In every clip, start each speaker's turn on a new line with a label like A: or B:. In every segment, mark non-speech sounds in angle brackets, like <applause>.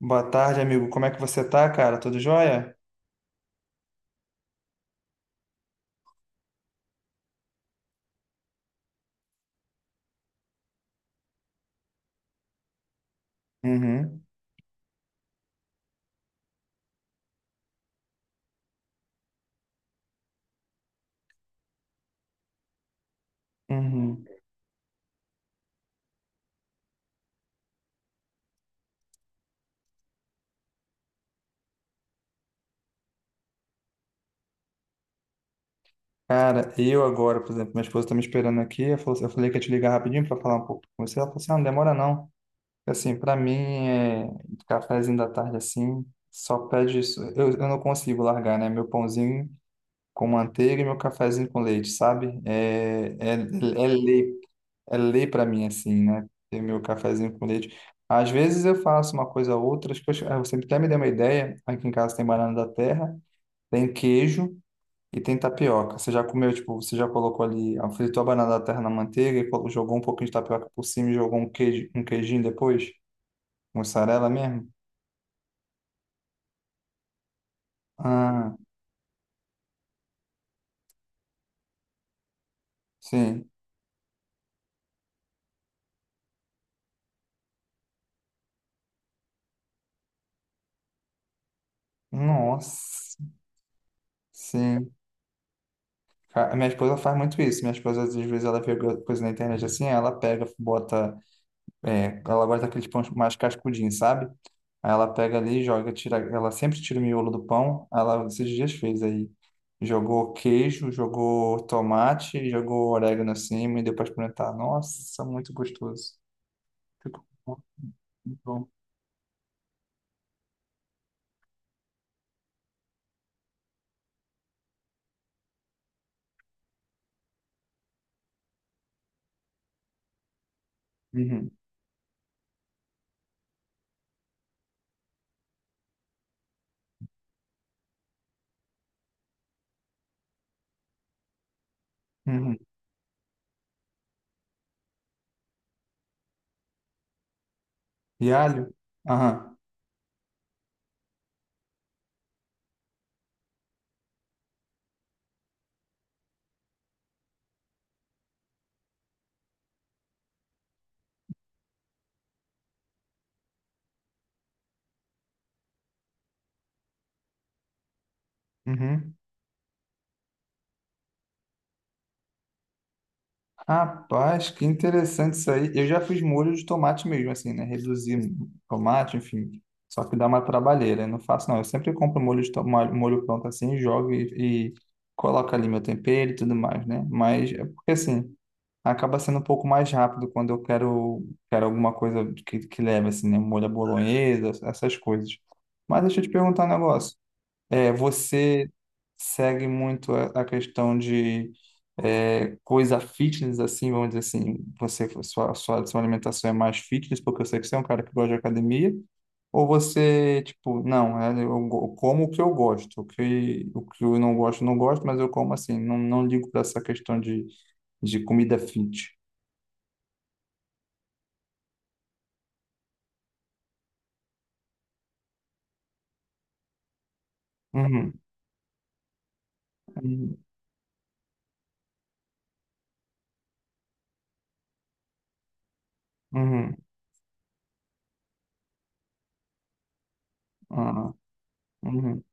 A: Boa tarde, amigo. Como é que você tá, cara? Tudo jóia? Uhum, uhum. Cara, eu agora, por exemplo, minha esposa tá me esperando aqui. Eu falei que ia te ligar rapidinho pra falar um pouco com você. Ela falou assim: ah, não demora não. Assim, pra mim, é cafezinho da tarde assim, só pede isso. Eu não consigo largar, né? Meu pãozinho com manteiga e meu cafezinho com leite, sabe? É lei, é lei para mim, assim, né? Ter meu cafezinho com leite. Às vezes eu faço uma coisa ou outra, acho que você até me deu uma ideia. Aqui em casa tem banana da terra, tem queijo e tem tapioca. Você já comeu, tipo, você já colocou ali, ah, fritou a banana da terra na manteiga e jogou um pouquinho de tapioca por cima e jogou um queijo, um queijinho depois? Mussarela mesmo? Ah, sim. Nossa, sim. Minha esposa faz muito isso. Minha esposa, às vezes, ela vê alguma coisa na internet assim, ela pega, bota. É, ela gosta daqueles pães mais cascudinhos, sabe? Aí ela pega ali, joga, tira. Ela sempre tira o miolo do pão. Ela esses dias fez aí. Jogou queijo, jogou tomate, jogou orégano assim, e deu pra experimentar. Nossa, muito gostoso. Ficou muito bom. Uhum, uhum. E alho? Aham. Uhum. Rapaz, que interessante isso aí. Eu já fiz molho de tomate mesmo, assim, né? Reduzir tomate, enfim. Só que dá uma trabalheira. Eu Não faço, não. Eu sempre compro molho de tomate, molho pronto assim, jogo e coloco ali meu tempero e tudo mais, né? Mas é porque assim, acaba sendo um pouco mais rápido quando quero alguma coisa que leve, assim, né? Molho à bolonhesa, essas coisas. Mas deixa eu te perguntar um negócio. É, você segue muito a questão de é, coisa fitness, assim, vamos dizer assim, você, sua alimentação é mais fitness, porque eu sei que você é um cara que gosta de academia, ou você, tipo, não, é, como o que eu gosto, o que eu não gosto, não gosto, mas eu como assim, não, não ligo para essa questão de comida fit. Uhum, uhum, uhum, ah, uhum,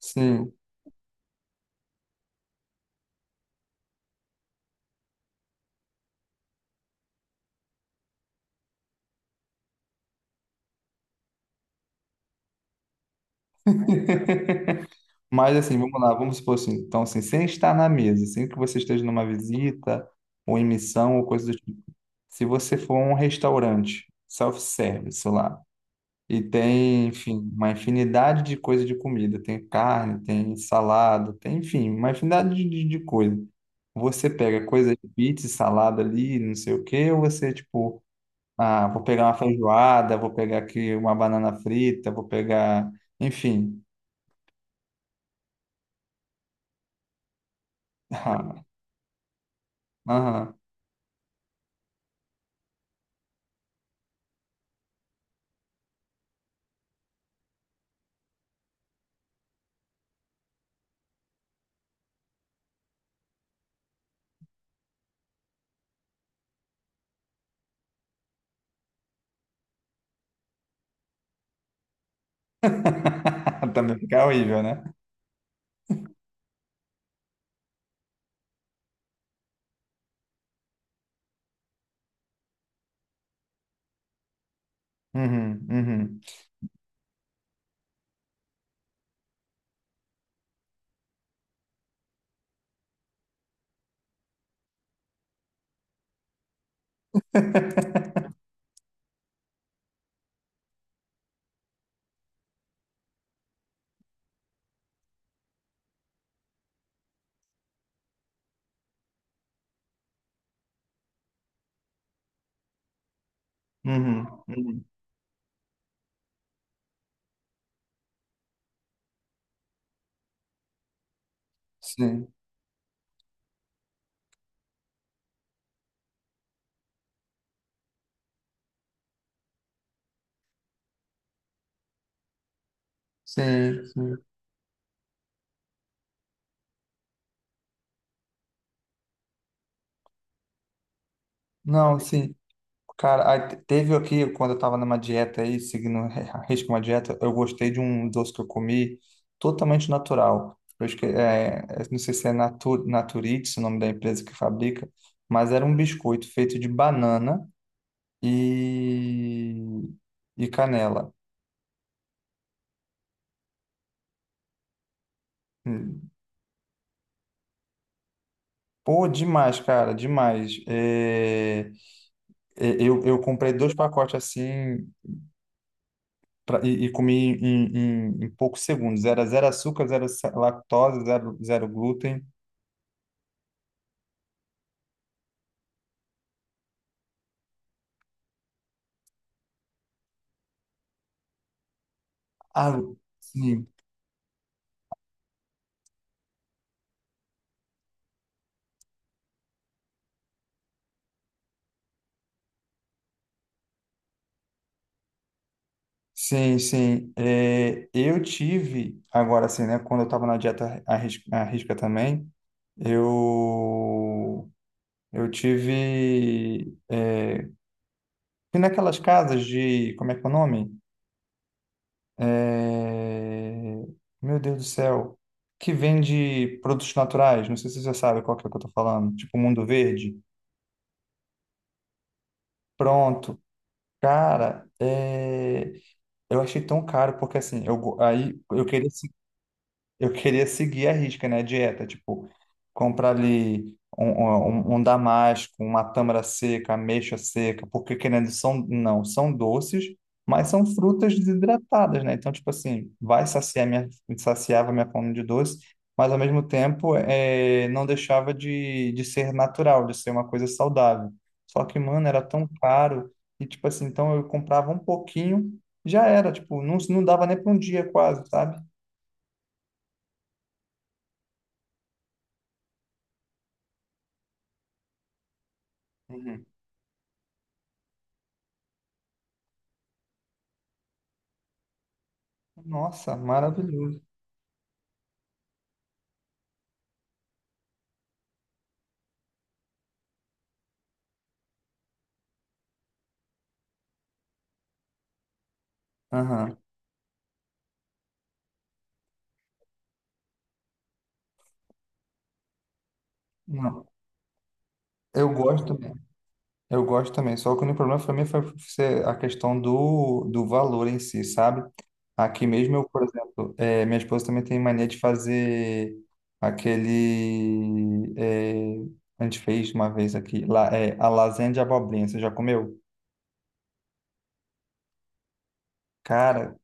A: sim. <laughs> Mas assim, vamos lá, vamos supor assim, então assim, sem estar na mesa, sem que você esteja numa visita ou em missão ou coisa do tipo. Se você for a um restaurante self-service lá e tem, enfim, uma infinidade de coisa de comida, tem carne, tem salada, tem, enfim, uma infinidade de, de coisa. Você pega coisa de pizza, salada ali, não sei o quê, ou você tipo, ah, vou pegar uma feijoada, vou pegar aqui uma banana frita, vou pegar, enfim. <laughs> Aham. <laughs> Também fica horrível, né? Uhum, uhum. <laughs> Uhum, uhum. Sim, sim, sim. Não, sim. Cara, aí teve aqui, quando eu tava numa dieta aí, seguindo a risco uma dieta, eu gostei de um doce que eu comi totalmente natural. É, eu não sei se é Natur, Naturix, o nome da empresa que fabrica, mas era um biscoito feito de banana e, e canela. Hum. Pô, demais, cara, demais. É, eu comprei dois pacotes assim e comi em, em, em poucos segundos. Era zero açúcar, lactose, zero, zero glúten. Ah, sim, sim, sim. É, eu tive, agora assim, né? Quando eu estava na dieta à risca também, eu, eu tive. É, fui naquelas casas de. Como é que é o nome? É, Meu Deus do céu. Que vende produtos naturais. Não sei se você sabe qual que é que eu tô falando. Tipo Mundo Verde. Pronto. Cara, é, eu achei tão caro, porque assim, aí eu queria seguir a risca, né? A dieta, tipo, comprar ali um, um, um damasco, uma tâmara seca, ameixa seca, porque querendo, são, não, são doces, mas são frutas desidratadas, né? Então, tipo assim, saciava minha fome de doce, mas ao mesmo tempo é não deixava de ser natural, de ser uma coisa saudável. Só que, mano, era tão caro, e tipo assim, então eu comprava um pouquinho, já era, tipo, não, não dava nem para um dia quase, sabe? Uhum. Nossa, maravilhoso. Aham. Não, eu gosto também. Eu gosto também. Só que o único problema para mim foi ser a questão do, do valor em si, sabe? Aqui mesmo eu, por exemplo, minha esposa também tem mania de fazer aquele. A gente fez uma vez aqui, lá, é, a lasanha de abobrinha. Você já comeu? Cara,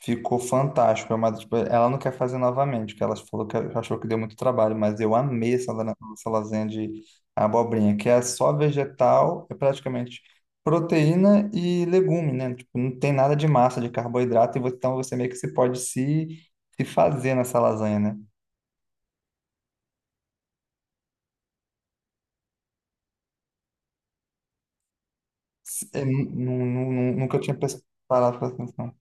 A: ficou fantástico, é tipo, ela não quer fazer novamente, porque ela falou que achou que deu muito trabalho, mas eu amei essa, essa lasanha de abobrinha, que é só vegetal, é praticamente proteína e legume, né? Tipo, não tem nada de massa, de carboidrato, e então você meio que se pode se, se fazer nessa lasanha, né? Nunca tinha parado para atenção.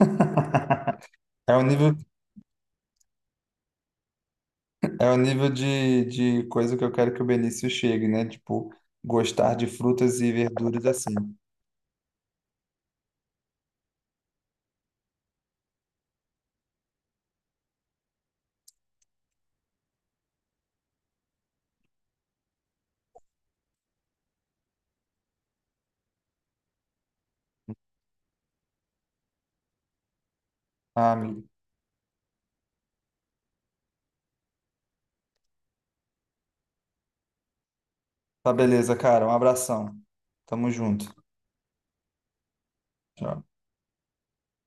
A: <laughs> É o nível É o nível de coisa que eu quero que o Benício chegue, né? Tipo, gostar de frutas e verduras assim. Ah, amigo. Tá beleza, cara. Um abração. Tamo junto. Tchau.